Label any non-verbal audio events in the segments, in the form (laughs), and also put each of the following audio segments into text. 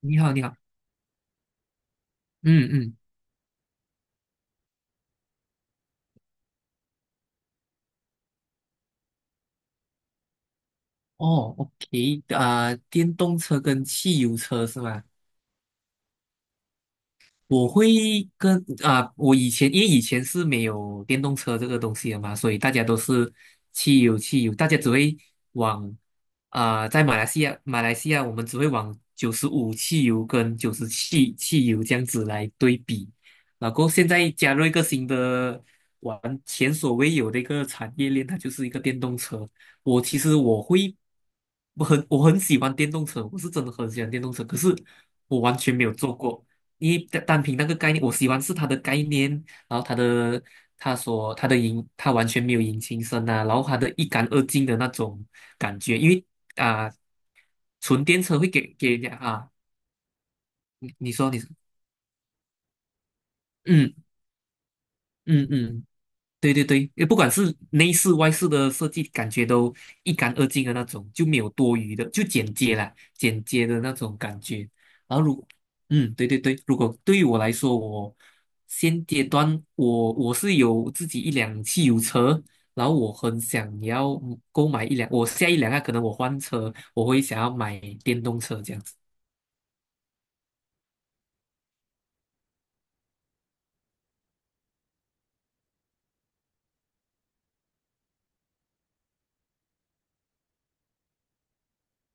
你好，你好。嗯嗯，哦，OK。电动车跟汽油车是吗？我会跟啊、我以前，以前是没有电动车这个东西的嘛，所以大家都是汽油，大家只会往在马来西亚我们只会往95汽油跟97汽油这样子来对比。然后现在加入一个新的玩前所未有的一个产业链，它就是一个电动车。我其实我会，我很喜欢电动车，我是真的很喜欢电动车，可是我完全没有做过。单凭那个概念，我喜欢是他的概念。然后他的他所他的引他完全没有引擎声呐，然后他的一干二净的那种感觉。因为啊、纯电车会给人家啊。你你说你说，嗯嗯嗯，对对对。也不管是内饰外饰的设计，感觉都一干二净的那种，就没有多余的，就简洁啦，简洁的那种感觉。然后如，嗯，对对对。如果对于我来说，我现阶段我是有自己一辆汽油车，然后我很想要购买一辆。我下一辆啊，可能我换车，我会想要买电动车这样子。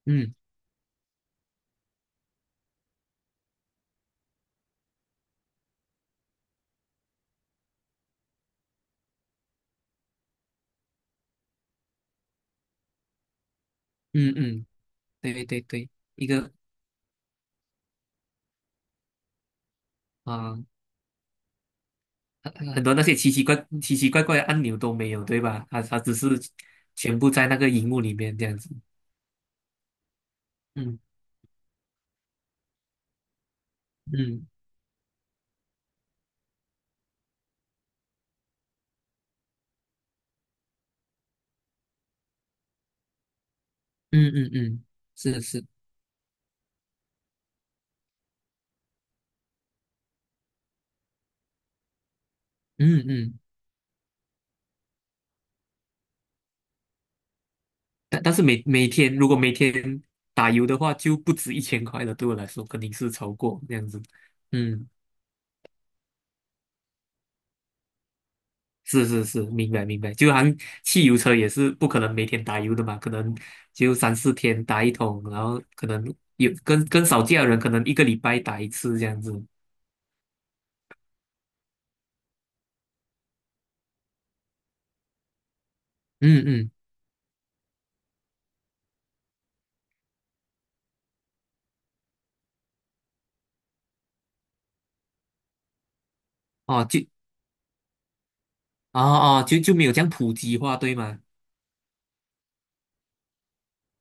嗯嗯嗯，对对对。一个啊。很多那些奇奇怪怪的按钮都没有，对吧？它只是全部在那个荧幕里面这样子。嗯嗯嗯嗯嗯，是是，嗯嗯嗯嗯嗯嗯嗯嗯。但是每每天如果每天打油的话，就不止1000块了。对我来说，肯定是超过这样子。嗯，是是是，明白明白。就好像汽油车也是不可能每天打油的嘛，可能就三四天打一桶，然后可能有跟少见的人，可能一个礼拜打一次这样子。嗯嗯。哦，就哦哦，就没有这样普及化，对吗？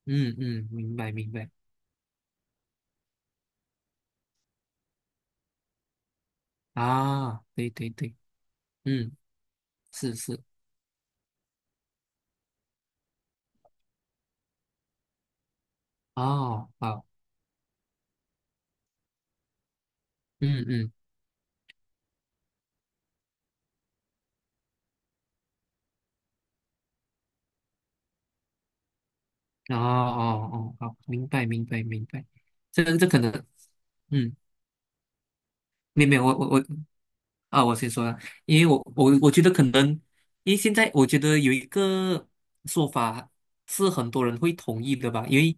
嗯嗯，明白明白。啊，对对对。嗯，是是，哦好，嗯嗯，哦哦哦，好，明白明白明白。这这可能，嗯。没有没有。我先说啊。因为我觉得可能，因为现在我觉得有一个说法是很多人会同意的吧。因为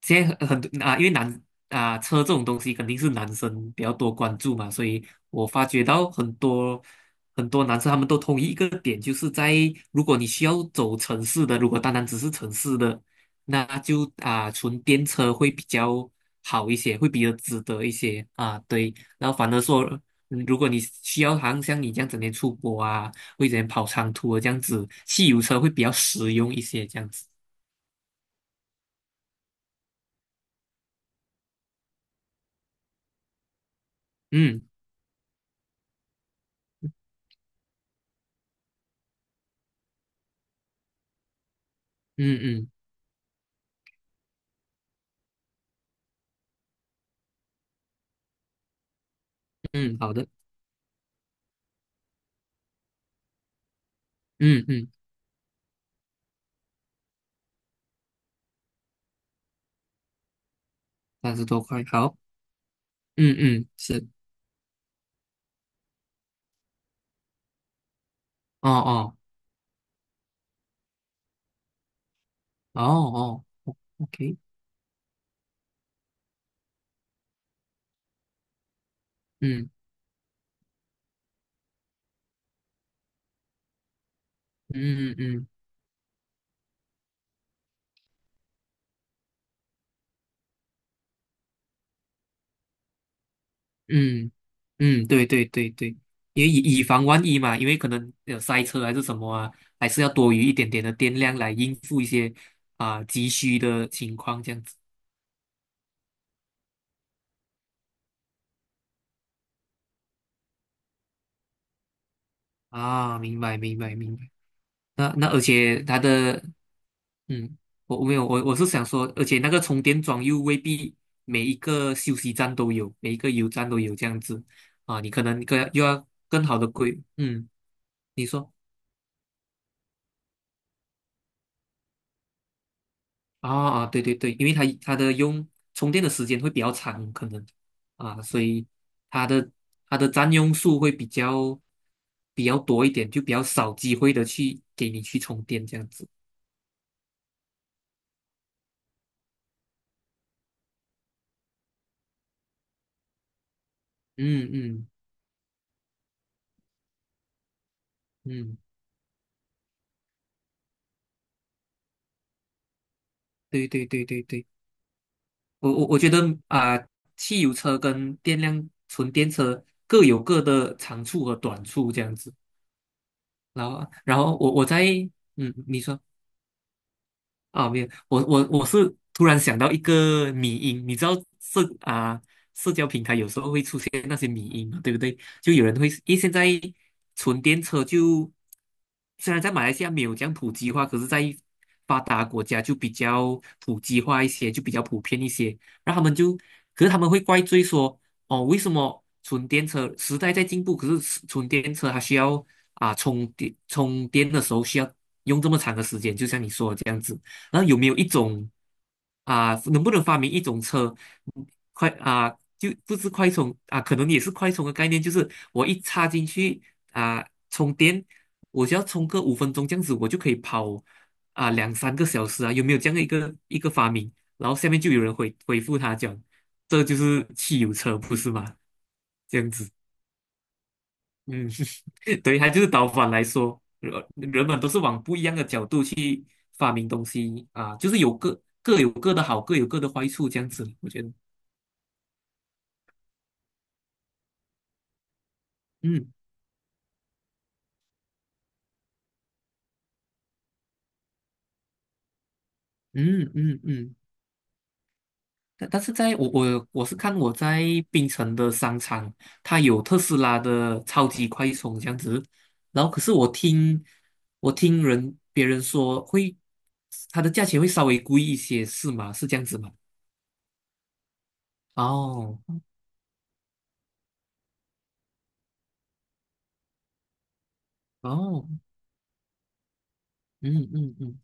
现在很多啊，因为男啊车这种东西肯定是男生比较多关注嘛，所以我发觉到很多很多男生他们都同意一个点，就是如果你需要走城市的，如果单单只是城市的，那就啊纯电车会比较好一些，会比较值得一些啊，对。然后反而说，嗯，如果你需要好像像你这样整天出国啊，或者整天跑长途的这样子，汽油车会比较实用一些这样子。嗯嗯嗯嗯，好的。嗯嗯。30多块，好。嗯嗯是，哦哦哦哦，OK。嗯嗯嗯嗯嗯，对对对对。因为以以防万一嘛，因为可能有塞车还是什么啊，还是要多余一点点的电量来应付一些急需的情况这样子。啊，明白明白明白。那而且它的，嗯，我我没有我是想说，而且那个充电桩又未必每一个休息站都有，每一个油站都有这样子。啊，你可能更又要更好的规。嗯，你说。啊啊，对对对。因为它的用充电的时间会比较长，可能啊，所以它的它的占用数会比较多一点，就比较少机会的去给你去充电这样子。嗯嗯嗯，对对对对对。我觉得啊、汽油车跟纯电车各有各的长处和短处这样子。然后，然后我在，嗯，你说。啊，没有，我是突然想到一个迷音。你知道社啊、社交平台有时候会出现那些迷音嘛，对不对？就有人会，因为现在纯电车就虽然在马来西亚没有这样普及化，可是在发达国家就比较普及化一些，就比较普遍一些。然后他们就，可是他们会怪罪说，哦，为什么纯电车时代在进步，可是纯电车它需要充电的时候需要用这么长的时间，就像你说的这样子。然后有没有一种能不能发明一种车。嗯快啊、就不是快充啊、可能也是快充的概念，就是我一插进去啊、充电，我只要充个5分钟这样子，我就可以跑两三个小时啊，有没有这样的一个发明？然后下面就有人回复他讲，这就是汽油车，不是吗？这样子，嗯 (laughs) 对。它就是导反来说，人们都是往不一样的角度去发明东西啊，就是有各有各的好，各有各的坏处，这样子，我觉得。嗯嗯嗯嗯。但但是在我我我是看我在槟城的商场，它有特斯拉的超级快充这样子。然后可是我听别人说会，它的价钱会稍微贵一些，是吗？是这样子吗？哦哦，嗯嗯嗯，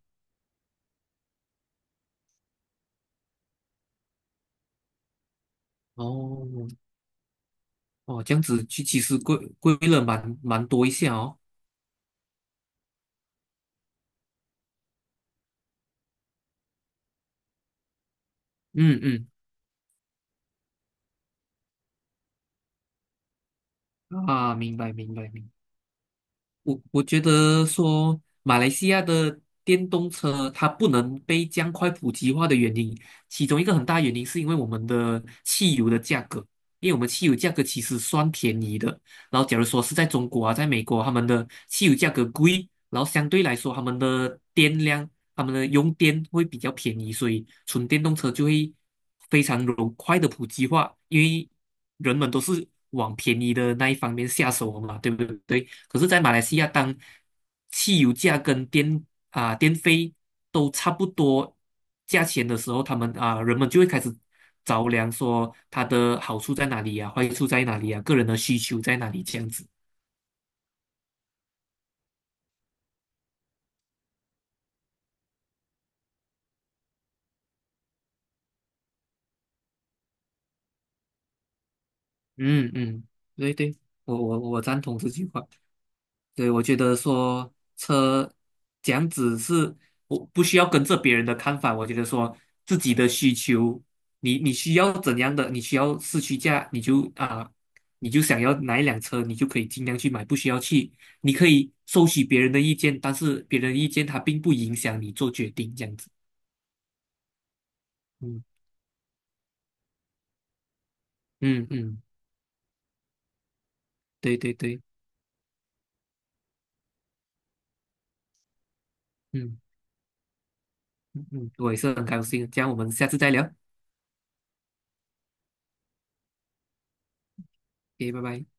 哦。哦，这样子其实贵了蛮多一下哦。嗯嗯，啊，明白明白明白。我觉得说，马来西亚的电动车它不能被这样快普及化的原因，其中一个很大原因是因为我们的汽油的价格，因为我们汽油价格其实算便宜的。然后假如说是在中国啊，在美国，他们的汽油价格贵，然后相对来说他们的电量、他们的用电会比较便宜，所以纯电动车就会非常容快的普及化，因为人们都是往便宜的那一方面下手嘛，对不对？可是，在马来西亚，当汽油价跟电费都差不多价钱的时候，他们啊、人们就会开始着凉，说它的好处在哪里呀、坏处在哪里呀、个人的需求在哪里这样子。嗯嗯，对对，我赞同这句话。对，我觉得说车这样子是，我不需要跟着别人的看法。我觉得说自己的需求，你你需要怎样的，你需要市区价，你就想要哪一辆车，你就可以尽量去买，不需要去。你可以收取别人的意见，但是别人的意见它并不影响你做决定，这样子。嗯嗯嗯，对对对。嗯嗯，我也是很高兴，这样我们下次再聊，OK，拜拜。